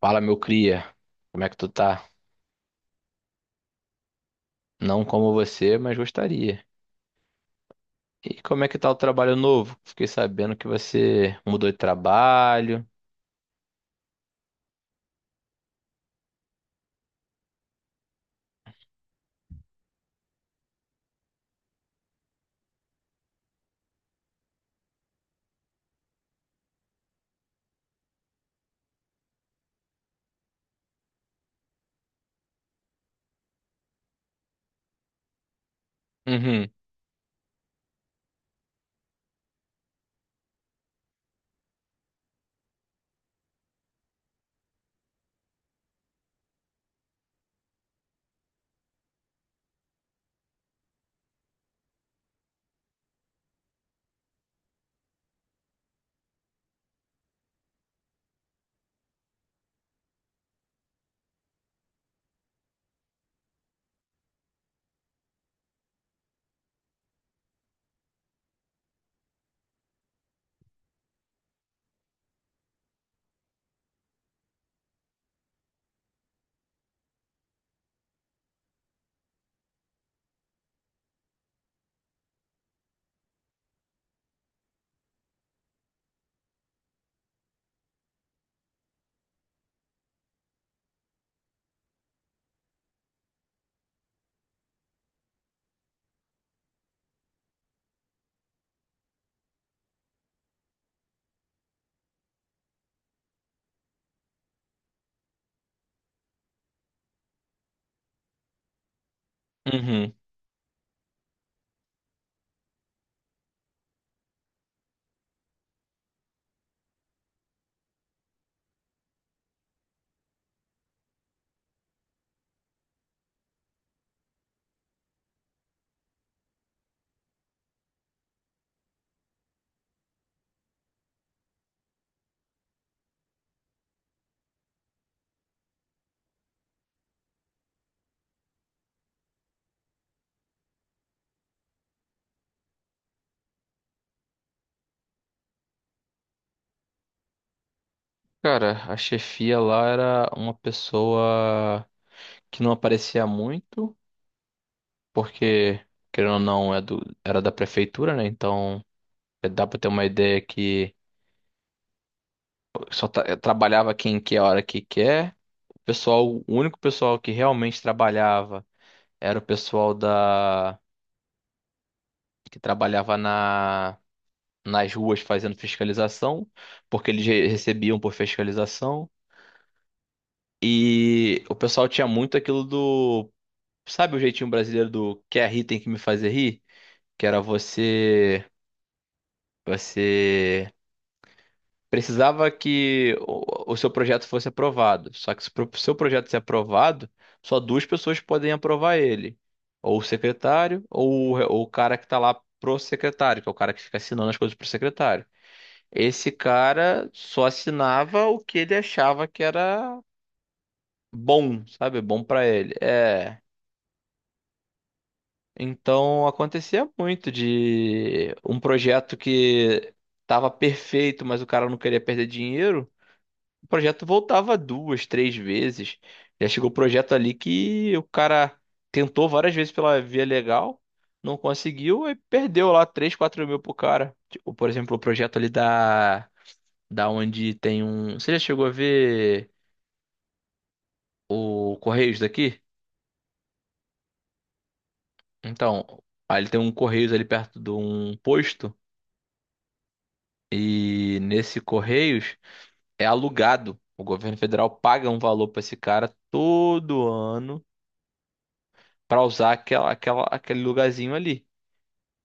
Fala, meu cria. Como é que tu tá? Não como você, mas gostaria. E como é que tá o trabalho novo? Fiquei sabendo que você mudou de trabalho. Uhum, uhum. Cara, a chefia lá era uma pessoa que não aparecia muito, porque, querendo ou não, era da prefeitura, né? Então, dá pra ter uma ideia que só trabalhava quem quer, a hora que quer. O pessoal, o único pessoal que realmente trabalhava era o pessoal da. Que trabalhava nas ruas fazendo fiscalização, porque eles recebiam por fiscalização. E o pessoal tinha muito aquilo do, sabe o jeitinho brasileiro do quer rir tem que me fazer rir? Que era você, você precisava que o seu projeto fosse aprovado. Só que se o seu projeto ser aprovado, só duas pessoas podem aprovar ele. Ou o secretário, ou, ou o cara que tá lá pro secretário, que é o cara que fica assinando as coisas pro secretário. Esse cara só assinava o que ele achava que era bom, sabe? Bom pra ele. É. Então acontecia muito de um projeto que tava perfeito, mas o cara não queria perder dinheiro. O projeto voltava duas, três vezes. Já chegou o projeto ali que o cara tentou várias vezes pela via legal, não conseguiu e perdeu lá 3, 4 mil pro cara. Tipo, por exemplo, o projeto ali da da onde tem um. Você já chegou a ver o Correios daqui? Então, aí ele tem um Correios ali perto de um posto e nesse Correios é alugado. O governo federal paga um valor pra esse cara todo ano pra usar aquele lugarzinho ali.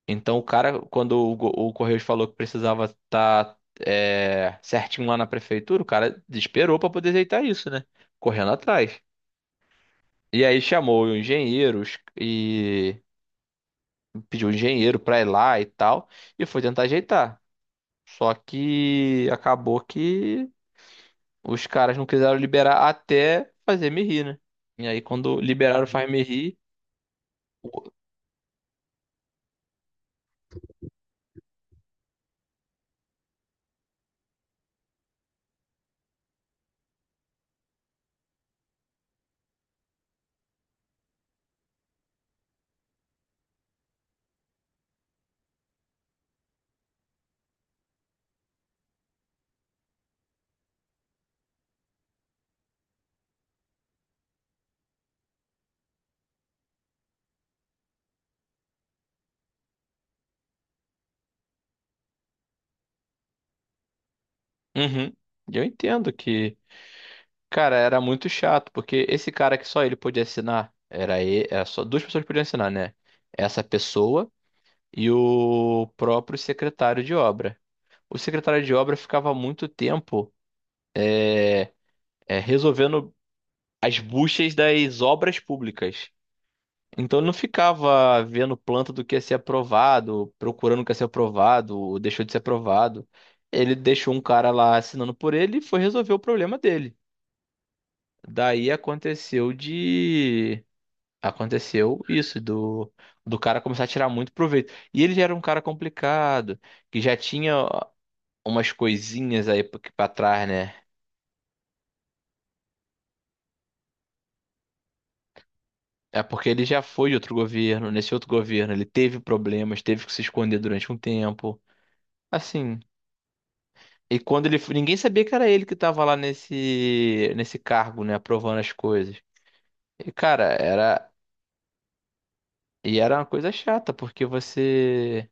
Então, o cara, quando o Correios falou que precisava estar certinho lá na prefeitura, o cara desesperou pra poder ajeitar isso, né? Correndo atrás. E aí chamou engenheiros, pediu um engenheiro pra ir lá e tal, e foi tentar ajeitar. Só que acabou que os caras não quiseram liberar até fazer me rir, né? E aí quando liberaram o Faz Me Rir, o- uhum, eu entendo que, cara, era muito chato, porque esse cara que só ele podia assinar, era só duas pessoas que podiam assinar, né? Essa pessoa e o próprio secretário de obra. O secretário de obra ficava muito tempo é, resolvendo as buchas das obras públicas. Então eu não ficava vendo planta do que ia ser aprovado, procurando o que ia ser aprovado, ou deixou de ser aprovado. Ele deixou um cara lá assinando por ele e foi resolver o problema dele. Daí aconteceu de. Aconteceu isso, do, do cara começar a tirar muito proveito. E ele já era um cara complicado, que já tinha umas coisinhas aí pra trás, né? É porque ele já foi de outro governo. Nesse outro governo, ele teve problemas, teve que se esconder durante um tempo. Assim, e quando ninguém sabia que era ele que tava lá nesse cargo, né, aprovando as coisas. E cara, era e era uma coisa chata, porque você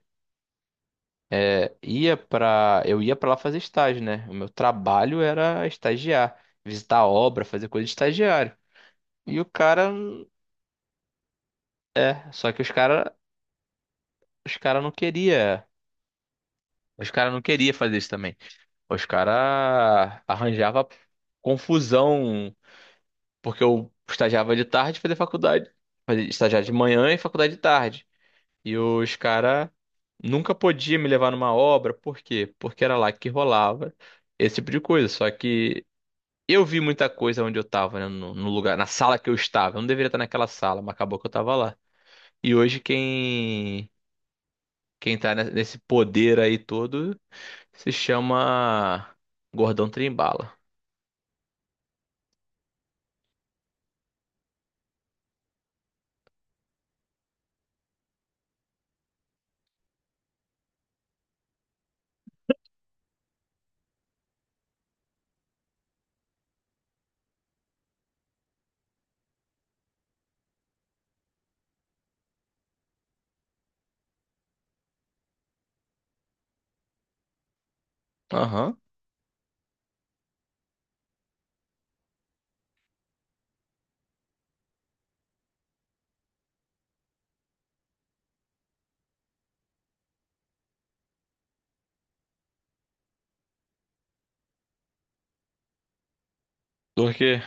é, ia pra. Eu ia pra lá fazer estágio, né? O meu trabalho era estagiar, visitar a obra, fazer coisa de estagiário. E o cara, só que os cara não queria, os cara não queria fazer isso também. Os caras arranjavam confusão, porque eu estagiava de tarde e fazia faculdade. Fazia estagiar de manhã e faculdade de tarde. E os caras nunca podiam me levar numa obra, por quê? Porque era lá que rolava esse tipo de coisa. Só que eu vi muita coisa onde eu tava, né? No lugar, na sala que eu estava. Eu não deveria estar naquela sala, mas acabou que eu tava lá. E hoje quem tá nesse poder aí todo se chama Gordão Trimbala. Aham. Por quê?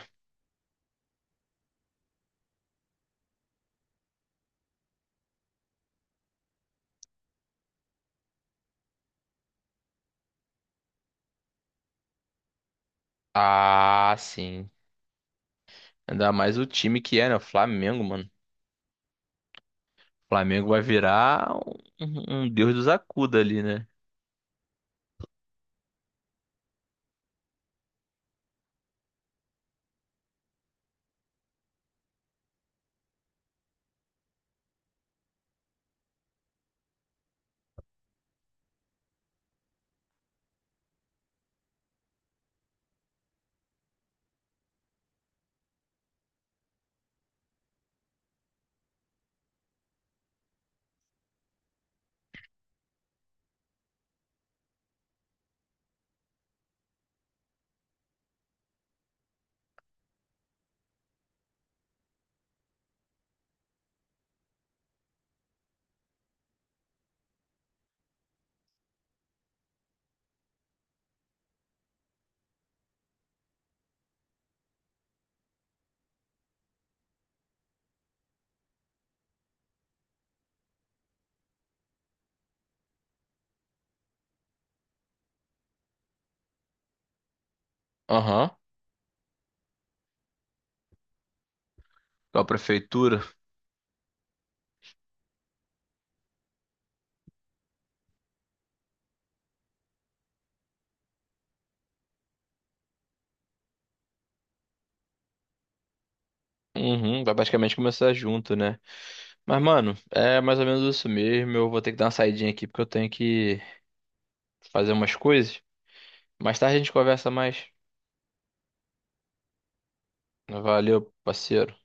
Ah, sim. Ainda mais o time que é, né? O Flamengo, mano. O Flamengo vai virar um deus dos acuda ali, né? Aham. Com a prefeitura. Uhum, vai basicamente começar junto, né? Mas, mano, é mais ou menos isso mesmo. Eu vou ter que dar uma saidinha aqui porque eu tenho que fazer umas coisas. Mais tarde a gente conversa mais. Valeu, parceiro.